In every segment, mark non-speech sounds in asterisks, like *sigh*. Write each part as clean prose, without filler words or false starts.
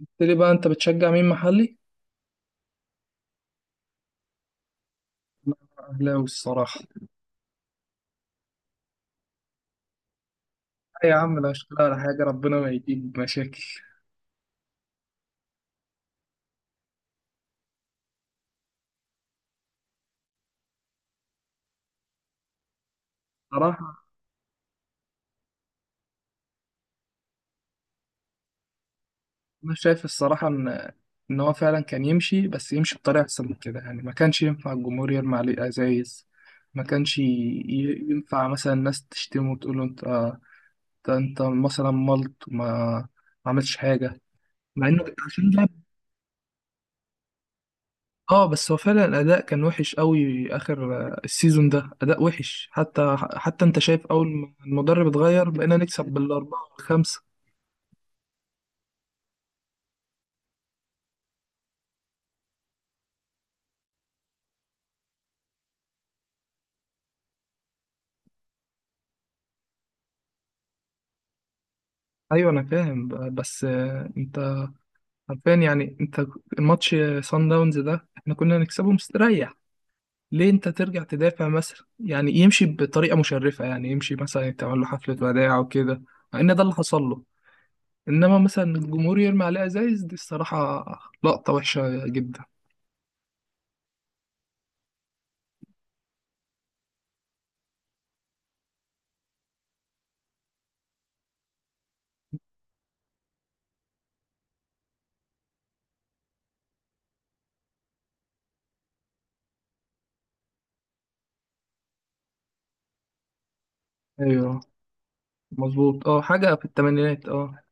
قلت لي بقى انت بتشجع مين محلي؟ لا، اهلاوي الصراحه. لا يا عم، لا اشتغل على حاجه ربنا ما يجيب مشاكل. صراحه انا شايف الصراحه ان هو فعلا كان يمشي، بس يمشي بطريقه احسن من كده. يعني ما كانش ينفع الجمهور يرمي عليه ازايز. ما كانش ينفع مثلا الناس تشتمه وتقول له انت انت مثلا ملط وما ما عملتش حاجه، مع انه عشان ده. اه، بس هو فعلا الاداء كان وحش قوي اخر السيزون ده. اداء وحش حتى انت شايف، اول ما المدرب اتغير بقينا نكسب بالاربعه والخمسه. ايوه انا فاهم، بس انت عارفين يعني، انت الماتش سان داونز ده احنا كنا نكسبه مستريح. ليه انت ترجع تدافع مثلا؟ يعني يمشي بطريقه مشرفه، يعني يمشي مثلا تعمل له حفله وداع وكده، مع ان ده اللي حصل له. انما مثلا الجمهور يرمي عليه ازايز دي الصراحه لقطه وحشه جدا. ايوه مظبوط، اه حاجة في الثمانينات اه.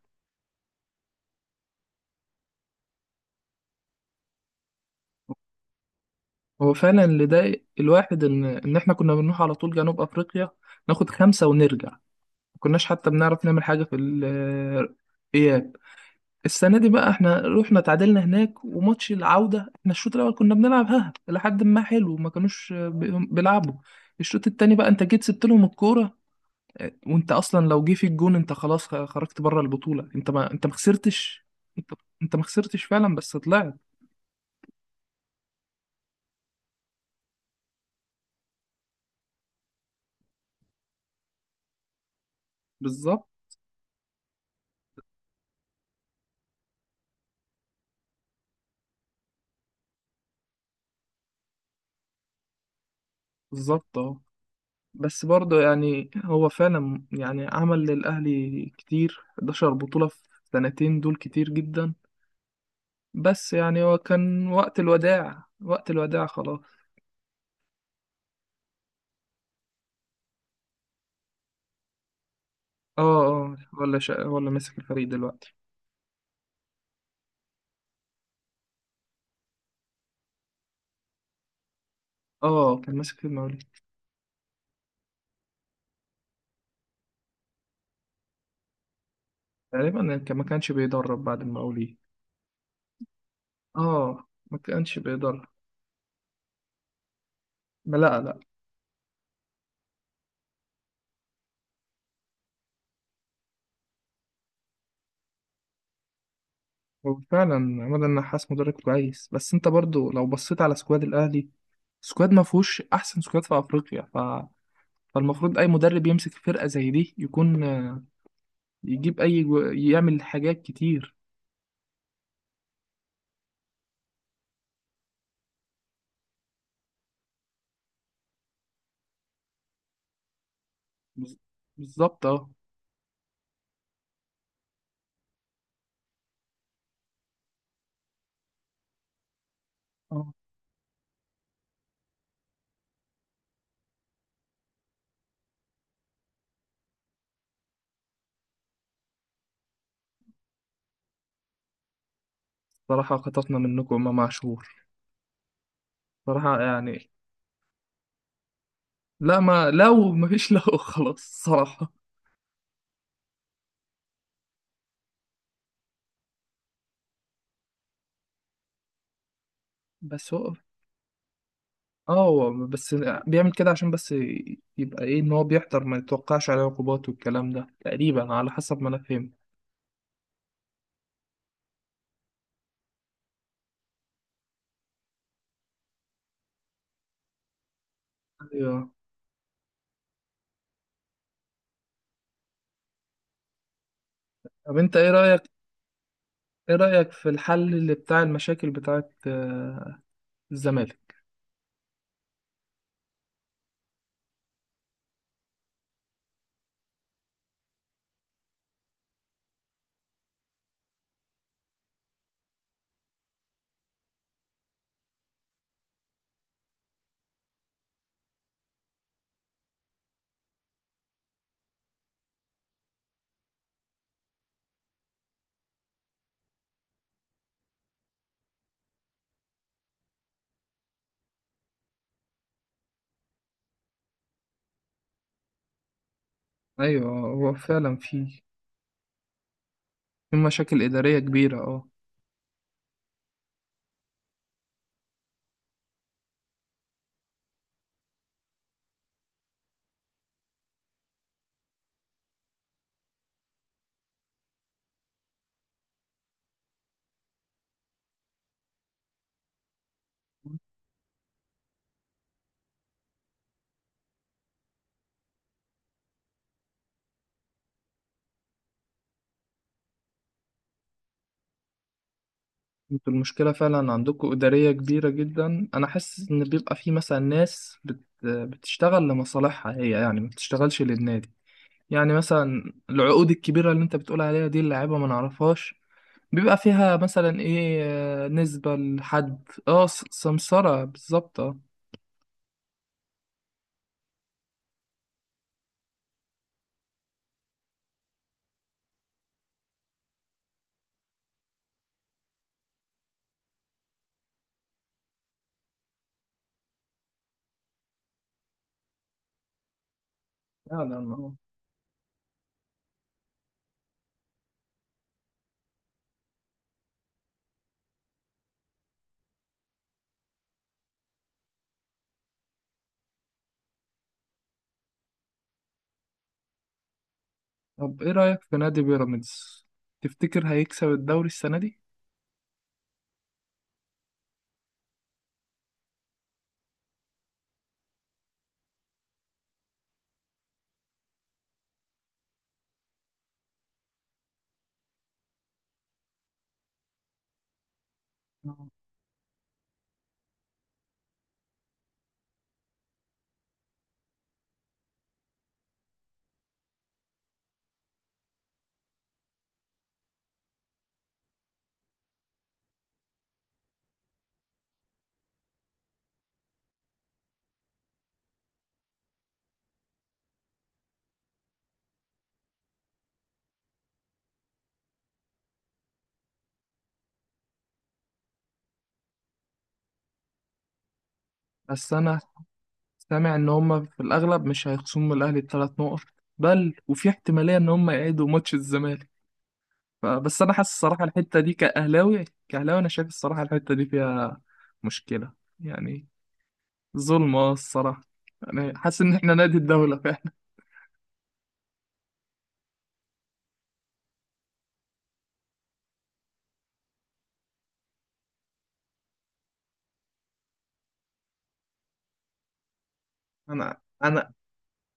هو فعلا اللي ضايق الواحد ان احنا كنا بنروح على طول جنوب افريقيا، ناخد خمسة ونرجع، ما كناش حتى بنعرف نعمل حاجة في اياب. السنة دي بقى احنا رحنا تعادلنا هناك، وماتش العودة احنا الشوط الأول كنا بنلعب ها لحد ما حلو، ما كانوش بيلعبوا. الشوط التاني بقى انت جيت سبت لهم الكورة. اه، وانت اصلا لو جه في الجون انت خلاص خرجت بره البطولة، انت ما، انت ما خسرتش. انت انت ما خسرتش فعلا بس طلعت. بالظبط، بالظبط اه. بس برضه يعني هو فعلا يعني عمل للأهلي كتير، 11 بطولة في سنتين، دول كتير جدا. بس يعني هو كان وقت الوداع، وقت الوداع خلاص. اه اه، ولا ماسك الفريق دلوقتي؟ اه كان ماسك المقاولين. تقريبا يعني كان ما كانش بيدرب بعد المقاولين. اه ما كانش بيدرب. ما، لا لا. هو فعلا عماد النحاس مدرب كويس، بس انت برضو لو بصيت على سكواد الاهلي، سكواد ما فيهوش احسن سكواد في افريقيا. فالمفروض اي مدرب يمسك فرقة زي دي يكون يجيب اي يعمل حاجات كتير. بز- بالظبط اه اه. صراحة خطفنا منكم ما معشور. صراحة يعني، لا ما، لو ما فيش لو *laughs* خلاص. صراحة. بس هو بيعمل كده عشان بس يبقى ايه، ان هو بيحضر ما يتوقعش عليه عقوبات والكلام ده، تقريبا على حسب ما انا فهمت. ايوه. طب انت ايه رأيك، ايه رأيك في الحل اللي بتاع المشاكل بتاعت الزمالك؟ ايوه هو فعلا فيه، في مشاكل إدارية كبيرة اه. انتوا المشكلة فعلا عندكم إدارية كبيرة جدا، أنا حاسس إن بيبقى في مثلا ناس بتشتغل لمصالحها هي، يعني ما بتشتغلش للنادي. يعني مثلا العقود الكبيرة اللي أنت بتقول عليها دي اللاعيبة ما نعرفهاش، بيبقى فيها مثلا إيه، نسبة لحد اه سمسرة بالظبط اه. فعلا اه. طب إيه رأيك في نادي بيراميدز؟ تفتكر هيكسب الدوري السنة دي؟ بس أنا سامع ان هم في الاغلب مش هيخصموا من الاهلي الثلاث نقط، بل وفي احتماليه ان هم يعيدوا ماتش الزمالك. فبس انا حاسس الصراحه الحته دي كاهلاوي، كاهلاوي انا شايف الصراحه الحته دي فيها مشكله يعني. ظلم اه الصراحه، يعني حاسس ان احنا نادي الدوله فعلا. انا انا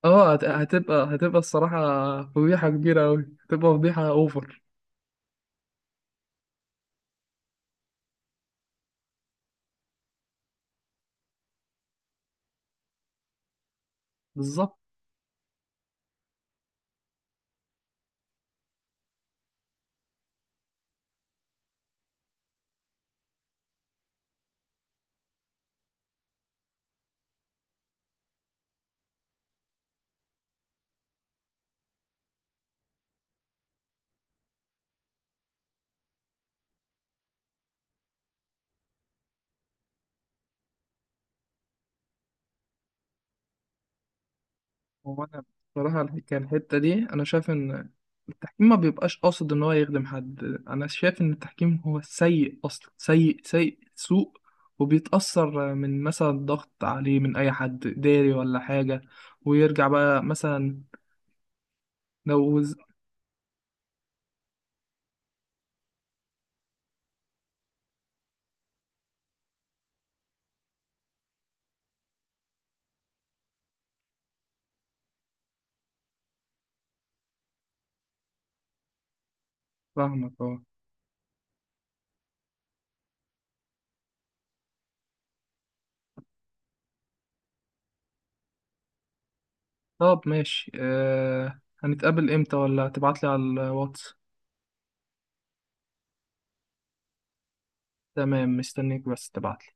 اه هت- هتبقى هتبقى الصراحه فضيحه كبيره قوي، هتبقى فضيحه اوفر. بالظبط. هو انا بصراحه الحكايه الحته دي انا شايف ان التحكيم ما بيبقاش قاصد ان هو يخدم حد. انا شايف ان التحكيم هو سيء اصلا، سيء، سوء، وبيتاثر من مثلا ضغط عليه من اي حد اداري ولا حاجه، ويرجع بقى مثلا. لو وز- فاهمك اه. طب ماشي، هنتقابل امتى؟ ولا تبعتلي على الواتس؟ تمام، مستنيك بس تبعتلي.